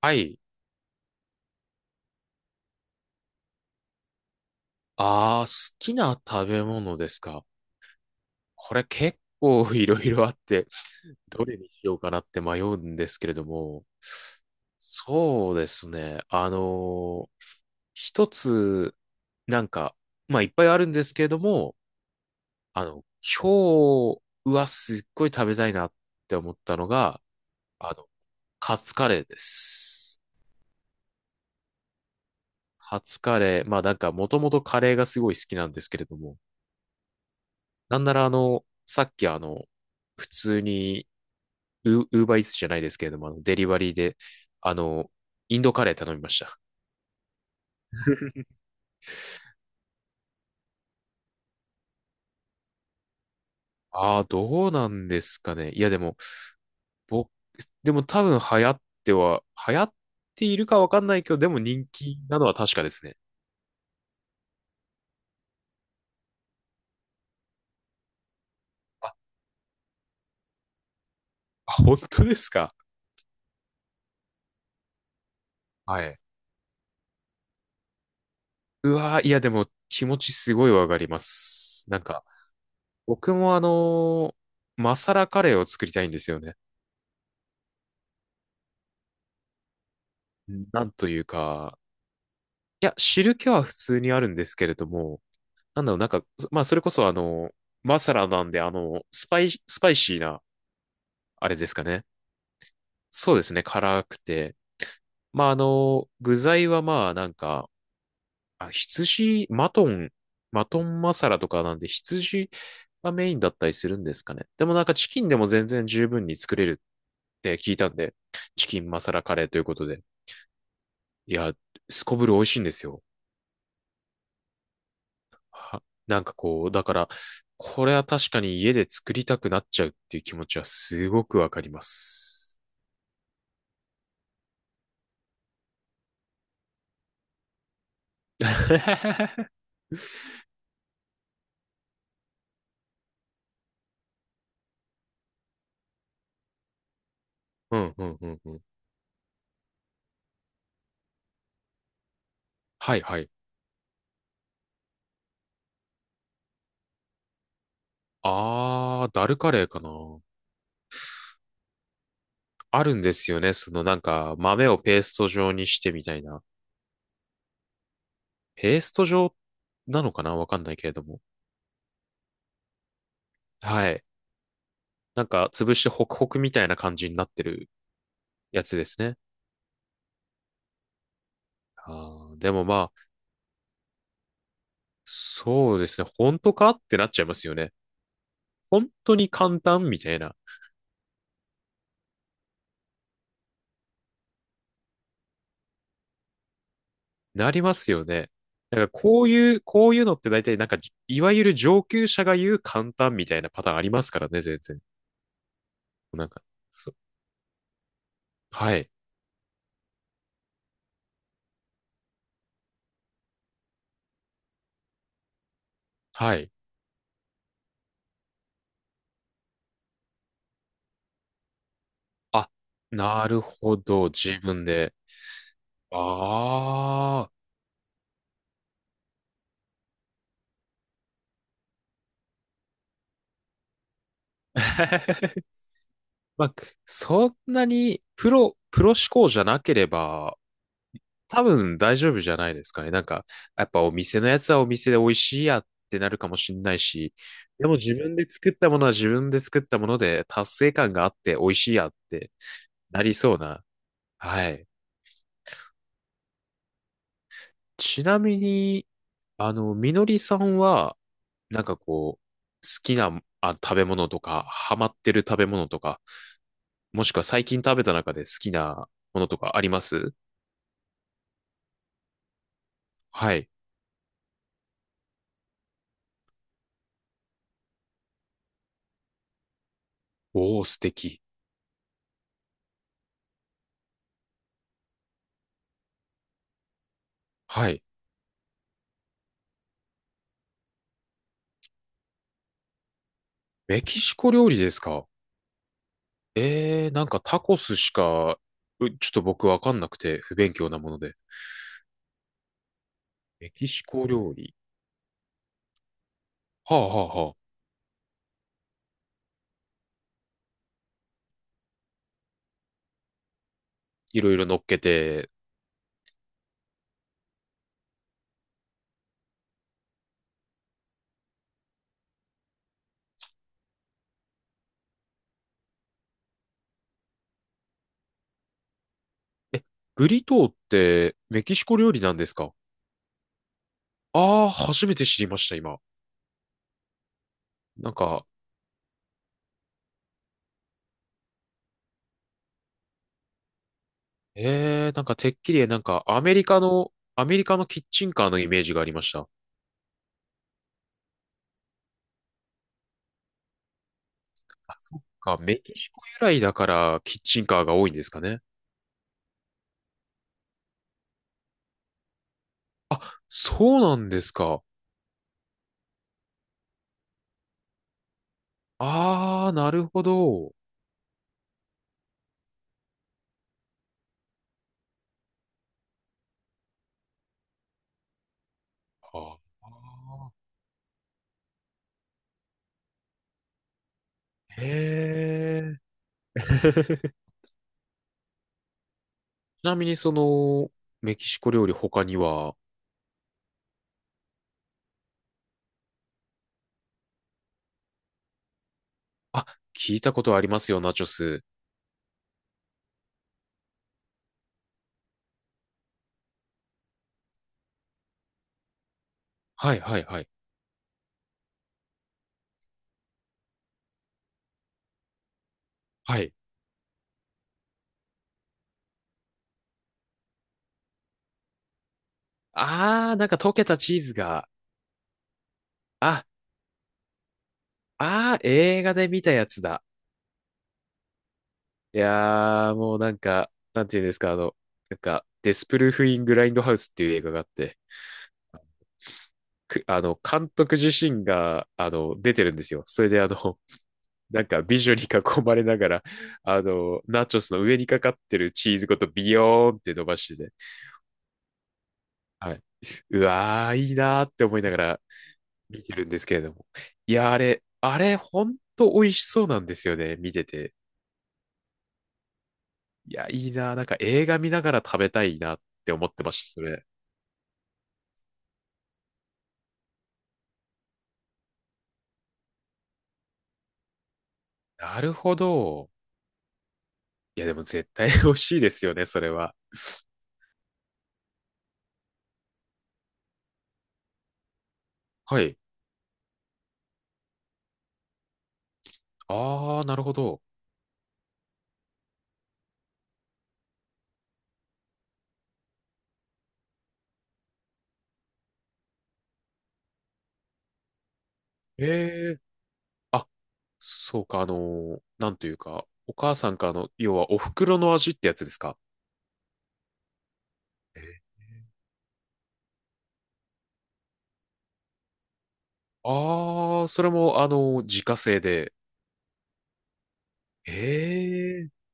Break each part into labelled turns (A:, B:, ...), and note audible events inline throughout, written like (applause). A: はい。ああ、好きな食べ物ですか。これ結構 (laughs) いろいろあって、どれにしようかなって迷うんですけれども、そうですね。一つ、なんか、まあいっぱいあるんですけれども、あの、今日はすっごい食べたいなって思ったのが、あの、カツカレーです。カツカレー、まあなんかもともとカレーがすごい好きなんですけれども、なんならさっき普通にウーバーイーツじゃないですけれども、デリバリーで、あの、インドカレー頼みました。ああ、どうなんですかね。いや、でも、僕、でも多分流行っては、流行っているかわかんないけど、でも人気なのは確かですね。あ、あ本当ですか。はい。うわー、いや、でも気持ちすごいわかります。なんか、僕もマサラカレーを作りたいんですよね。なんというか、いや、汁気は普通にあるんですけれども、なんだろう、なんか、まあ、それこそマサラなんで、スパイシーな、あれですかね。そうですね、辛くて。まあ、具材はまあ、なんか、マトン、マトンマサラとかなんで、羊がメインだったりするんですかね。でもなんか、チキンでも全然十分に作れるって聞いたんで、チキンマサラカレーということで。いや、すこぶる美味しいんですよ。は、なんかこう、だから、これは確かに家で作りたくなっちゃうっていう気持ちはすごくわかります。(laughs) うん、うん、うん、うん。はい、はい。あー、ダルカレーかな。あるんですよね。そのなんか、豆をペースト状にしてみたいな。ペースト状なのかなわかんないけれども。はい。なんか、潰してホクホクみたいな感じになってるやつですね。あー、でもまあ、そうですね。本当かってなっちゃいますよね。本当に簡単みたいな。なりますよね。なんかこういう、こういうのって大体なんかいわゆる上級者が言う簡単みたいなパターンありますからね、全然。なんか、そはい、はい。あ、なるほど、自分で。ああ。(laughs) まあ、そんなにプロ思考じゃなければ、多分大丈夫じゃないですかね。なんか、やっぱお店のやつはお店で美味しいやってなるかもしんないし、でも自分で作ったものは自分で作ったもので達成感があって美味しいやってなりそうな。はい。ちなみに、みのりさんは、なんかこう、好きな、あ、食べ物とか、ハマってる食べ物とか、もしくは最近食べた中で好きなものとかあります？はい。おー、素敵。はい。メキシコ料理ですか？ええー、タコスしか、ちょっと僕わかんなくて、不勉強なもので。メキシコ料理。はあはあはあ。いろいろ乗っけて。え、ブリトーってメキシコ料理なんですか？ああー、初めて知りました、今。なんか、ええー、なんかてっきりアメリカのキッチンカーのイメージがありました。あ、そっか、メキシコ由来だからキッチンカーが多いんですかね。あ、そうなんですか。ああ、なるほど。あー。へえ。(laughs) ちなみにその、メキシコ料理他には？あ、聞いたことありますよ、ナチョス。はいはいはい。はい。あー、なんか溶けたチーズが、あ、あー、映画で見たやつだ。いやー、もうなんか、なんていうんですか、なんか、デスプルーフ・イン・グラインドハウスっていう映画があって、く、あの、監督自身が、出てるんですよ。それでなんか美女に囲まれながら、(laughs) ナチョスの上にかかってるチーズごとビヨーンって伸ばしてて、はい。(laughs) うわー、いいなーって思いながら見てるんですけれども。いやー、あれ、あれ、ほんと美味しそうなんですよね、見てて。いや、いいなー、なんか映画見ながら食べたいなって思ってました、それ。なるほど。いや、でも絶対美味しいですよね、それは。はい。あー、なるほど。えー。あ、そうか、なんというか、お母さんからの、要はお袋の味ってやつですか？え。ああー、それも、自家製で。ええー、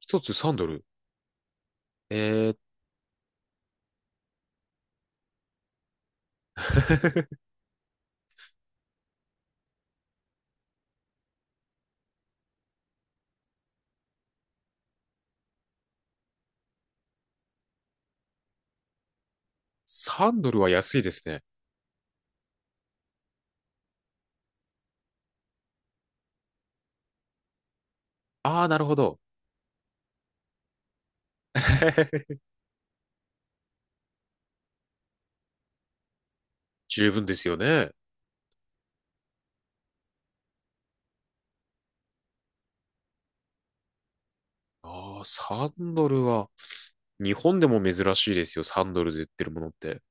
A: 一つ3ドル。えー、(laughs) 3ドルは安いですね。ああ、なるほど。(laughs) 十分ですよね。ああ、3ドルは、日本でも珍しいですよ、3ドルで売ってるものって。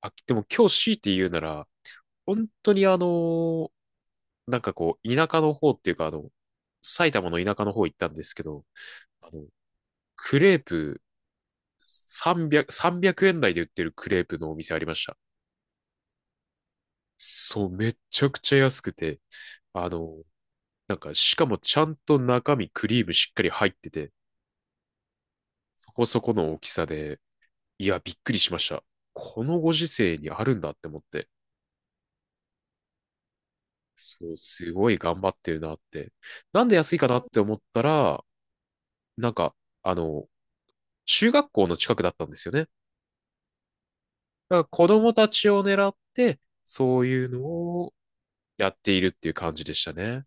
A: あ、でも今日強いて言うなら、本当にーなんかこう、田舎の方っていうか、埼玉の田舎の方行ったんですけど、あの、クレープ300、3円台で売ってるクレープのお店ありました。そう、めちゃくちゃ安くて、あの、なんか、しかもちゃんと中身クリームしっかり入ってて、そこそこの大きさで、いや、びっくりしました。このご時世にあるんだって思って、そう、すごい頑張ってるなって。なんで安いかなって思ったら、なんか、あの、中学校の近くだったんですよね。だから子供たちを狙って、そういうのをやっているっていう感じでしたね。